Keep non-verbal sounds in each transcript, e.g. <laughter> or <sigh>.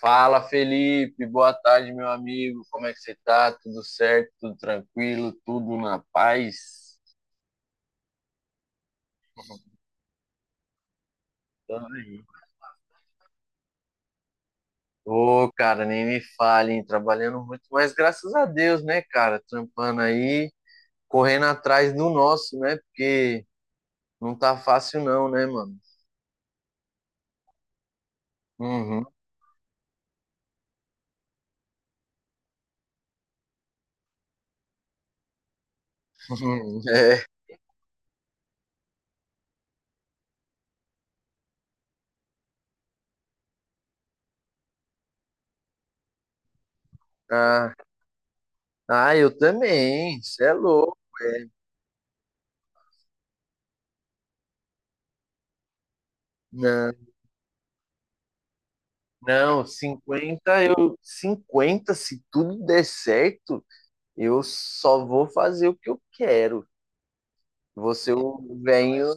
Fala, Felipe. Boa tarde, meu amigo. Como é que você tá? Tudo certo? Tudo tranquilo? Tudo na paz? Tamo aí. Ô, cara, nem me falem. Trabalhando muito, mas graças a Deus, né, cara? Trampando aí, correndo atrás do nosso, né? Porque não tá fácil não, né, mano? Uhum. <laughs> É. Ah, ah, eu também. Você é louco. É. Não, não, 50 se tudo der certo. Eu só vou fazer o que eu quero. Você, o venho,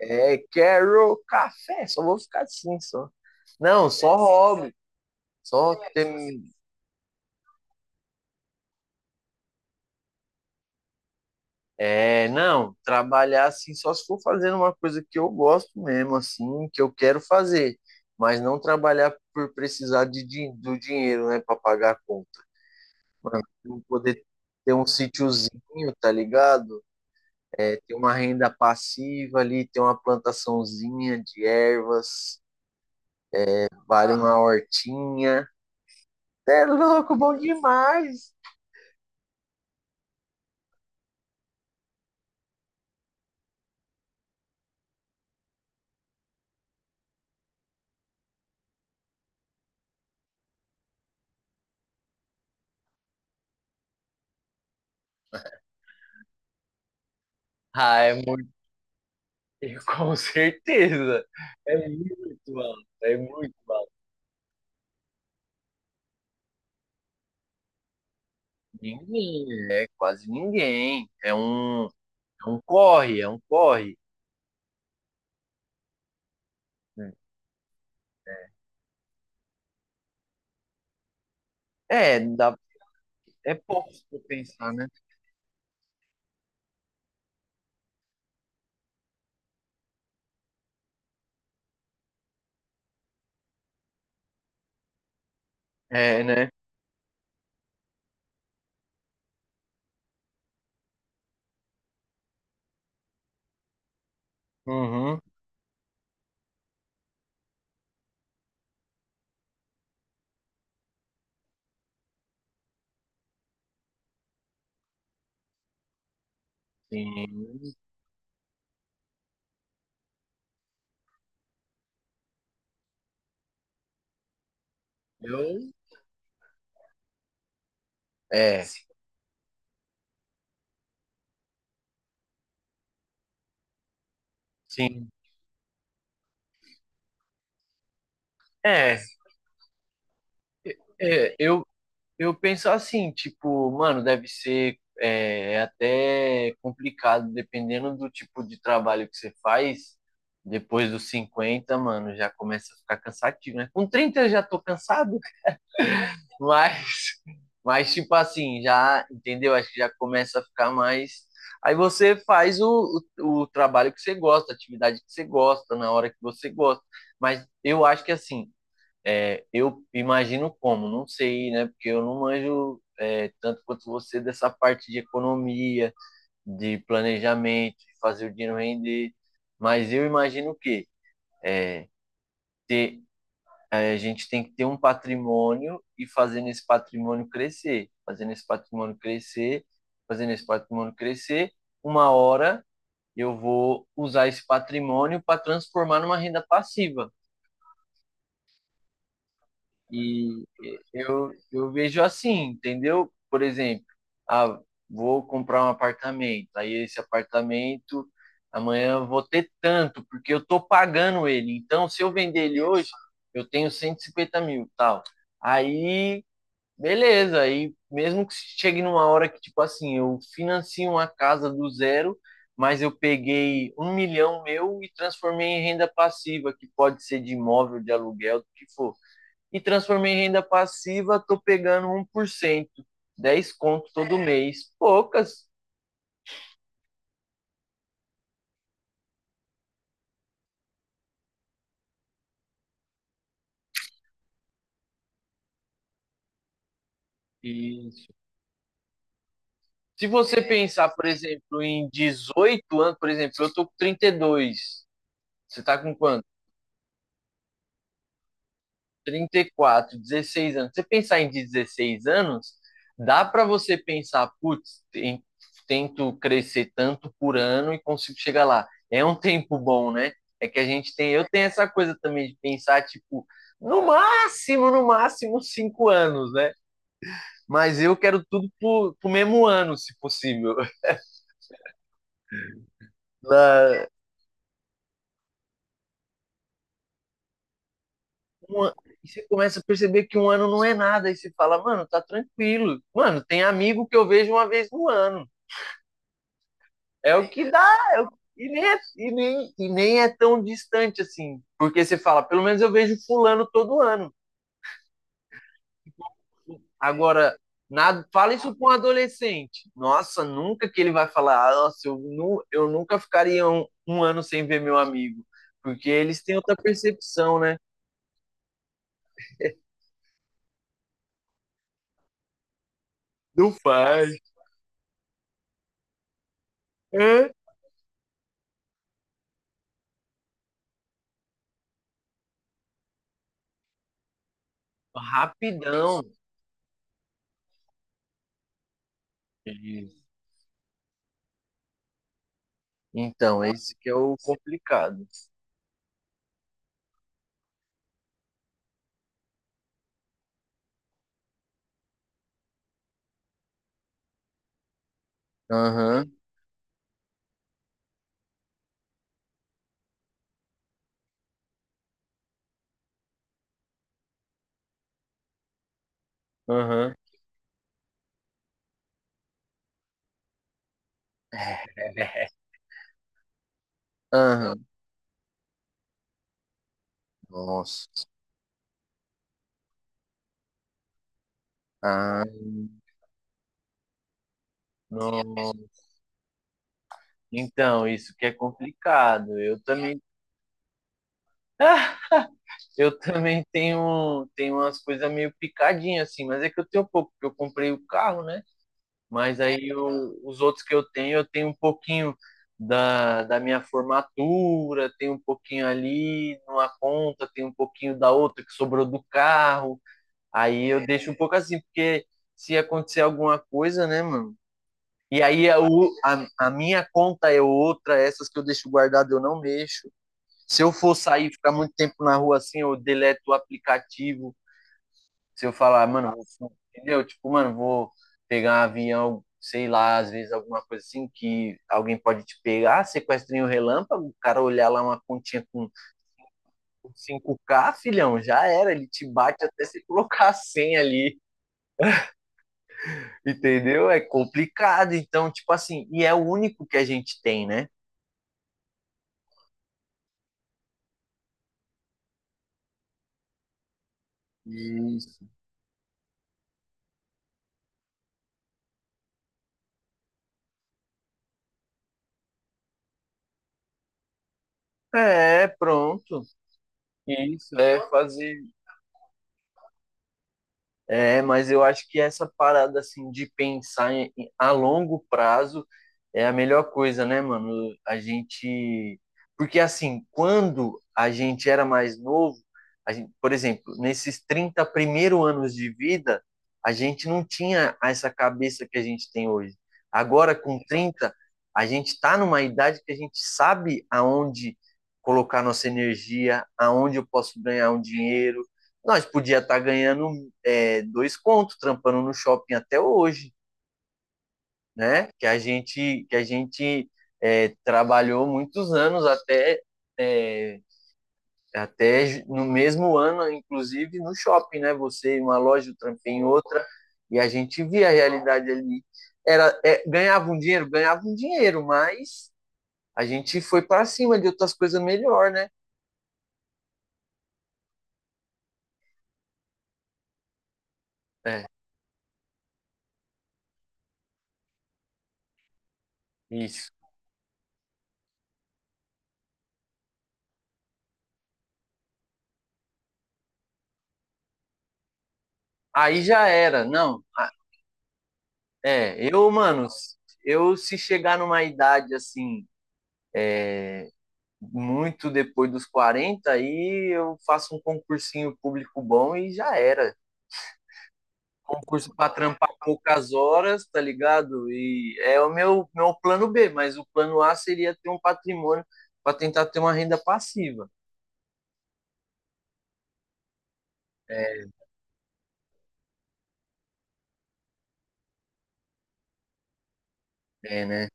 é, quero café. Só vou ficar assim, só. Não, só hobby. Só tem, é, não, trabalhar assim, só se for fazendo uma coisa que eu gosto mesmo, assim, que eu quero fazer. Mas não trabalhar por precisar de, do dinheiro, né, para pagar a conta. Mano, não poder ter um sítiozinho, tá ligado? É, ter uma renda passiva ali, ter uma plantaçãozinha de ervas, vale uma hortinha. Cê é louco, bom demais. Ah, é muito, <laughs> com certeza. É muito alto, é muito alto. Ninguém, é quase ninguém. É um corre, é um corre. Dá, é pouco pra pensar, né? É, né? Uhum. Sim. Eu, É, sim. É, é, eu, Eu penso assim, tipo, mano, deve ser até complicado, dependendo do tipo de trabalho que você faz. Depois dos 50, mano, já começa a ficar cansativo, né? Com 30 eu já tô cansado. <laughs> mas, mas tipo assim, já, entendeu? Acho que já começa a ficar mais. Aí você faz o trabalho que você gosta, a atividade que você gosta, na hora que você gosta. Mas eu acho que assim, eu imagino como, não sei, né? Porque eu não manjo tanto quanto você dessa parte de economia, de planejamento, de fazer o dinheiro render. Mas eu imagino que ter, a gente tem que ter um patrimônio e fazendo esse patrimônio crescer, fazendo esse patrimônio crescer, fazendo esse patrimônio crescer. Uma hora eu vou usar esse patrimônio para transformar numa renda passiva. E eu vejo assim, entendeu? Por exemplo, ah, vou comprar um apartamento, aí esse apartamento amanhã eu vou ter tanto, porque eu tô pagando ele. Então, se eu vender ele hoje, eu tenho 150 mil, tal. Aí, beleza, aí mesmo que chegue numa hora que, tipo assim, eu financio uma casa do zero, mas eu peguei 1 milhão meu e transformei em renda passiva, que pode ser de imóvel, de aluguel, do que for, e transformei em renda passiva, tô pegando 1%, 10 conto todo mês. Poucas. Isso. Se você pensar, por exemplo, em 18 anos, por exemplo, eu tô com 32. Você tá com quanto? 34, 16 anos. Você pensar em 16 anos, dá para você pensar, putz, tento crescer tanto por ano e consigo chegar lá. É um tempo bom, né? É que a gente tem, eu tenho essa coisa também de pensar, tipo, no máximo, no máximo 5 anos, né? Mas eu quero tudo pro mesmo ano, se possível. <laughs> Na- um e você começa a perceber que um ano não é nada, e você fala, mano, tá tranquilo. Mano, tem amigo que eu vejo uma vez no ano. É o que dá, é o. E, nem é, e nem é tão distante assim. Porque você fala, pelo menos eu vejo fulano todo ano. Agora, nada, fala isso com um adolescente. Nossa, nunca que ele vai falar, ah, nossa, eu nunca ficaria um ano sem ver meu amigo. Porque eles têm outra percepção, né? Não faz. É. Rapidão. Então, esse que é o complicado. Aham, aham. <laughs> Aham. Nossa. Ah, não. Então, isso que é complicado. Ah, eu também tenho, tenho umas coisas meio picadinhas assim, mas é que eu tenho pouco, porque eu comprei o carro, né? Mas aí os outros que eu tenho um pouquinho da minha formatura, tenho um pouquinho ali numa conta, tenho um pouquinho da outra que sobrou do carro. Aí eu deixo um pouco assim, porque se acontecer alguma coisa, né, mano? E aí a minha conta é outra, essas que eu deixo guardado eu não mexo. Se eu for sair ficar muito tempo na rua assim, eu deleto o aplicativo. Se eu falar, mano, vou, entendeu? Tipo, mano, vou pegar um avião, sei lá, às vezes alguma coisa assim que alguém pode te pegar, sequestrinho um relâmpago, o cara olhar lá uma continha com 5k, filhão, já era, ele te bate até você colocar a senha ali, entendeu? É complicado, então, tipo assim, e é o único que a gente tem, né? E é, pronto. Isso. É, fazer. É, mas eu acho que essa parada assim de pensar a longo prazo é a melhor coisa, né, mano? A gente, porque assim, quando a gente era mais novo, a gente, por exemplo, nesses 30 primeiros anos de vida, a gente não tinha essa cabeça que a gente tem hoje. Agora, com 30, a gente está numa idade que a gente sabe aonde colocar nossa energia, aonde eu posso ganhar um dinheiro. Nós podia estar ganhando 2 contos trampando no shopping até hoje, né? Que a gente é, Trabalhou muitos anos é, até no mesmo ano, inclusive no shopping, né? Você em uma loja, eu trampei em outra, e a gente via a realidade ali. Era, ganhava um dinheiro? Ganhava um dinheiro, mas a gente foi para cima de outras coisas melhor, né? É, isso. Aí já era, não. Eu, mano, eu se chegar numa idade assim, muito depois dos 40, aí eu faço um concursinho público bom e já era. Concurso para trampar poucas horas, tá ligado? E é o meu plano B, mas o plano A seria ter um patrimônio para tentar ter uma renda passiva. É, é, né?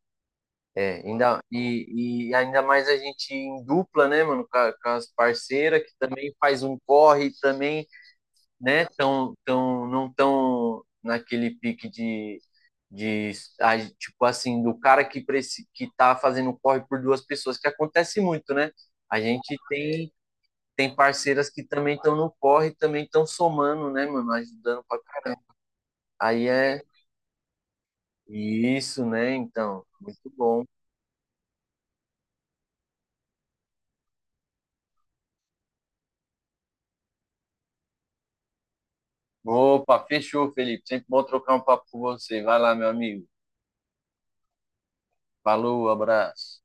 É, ainda, e ainda mais a gente em dupla, né, mano, com as parceiras, que também faz um corre, também, né? Não tão naquele pique de, tipo assim, do cara que tá fazendo corre por duas pessoas, que acontece muito, né? A gente tem parceiras que também estão no corre, também estão somando, né, mano? Ajudando pra caramba. Aí é isso, né? Então, muito bom. Opa, fechou, Felipe. Sempre bom trocar um papo com você. Vai lá, meu amigo. Falou, abraço.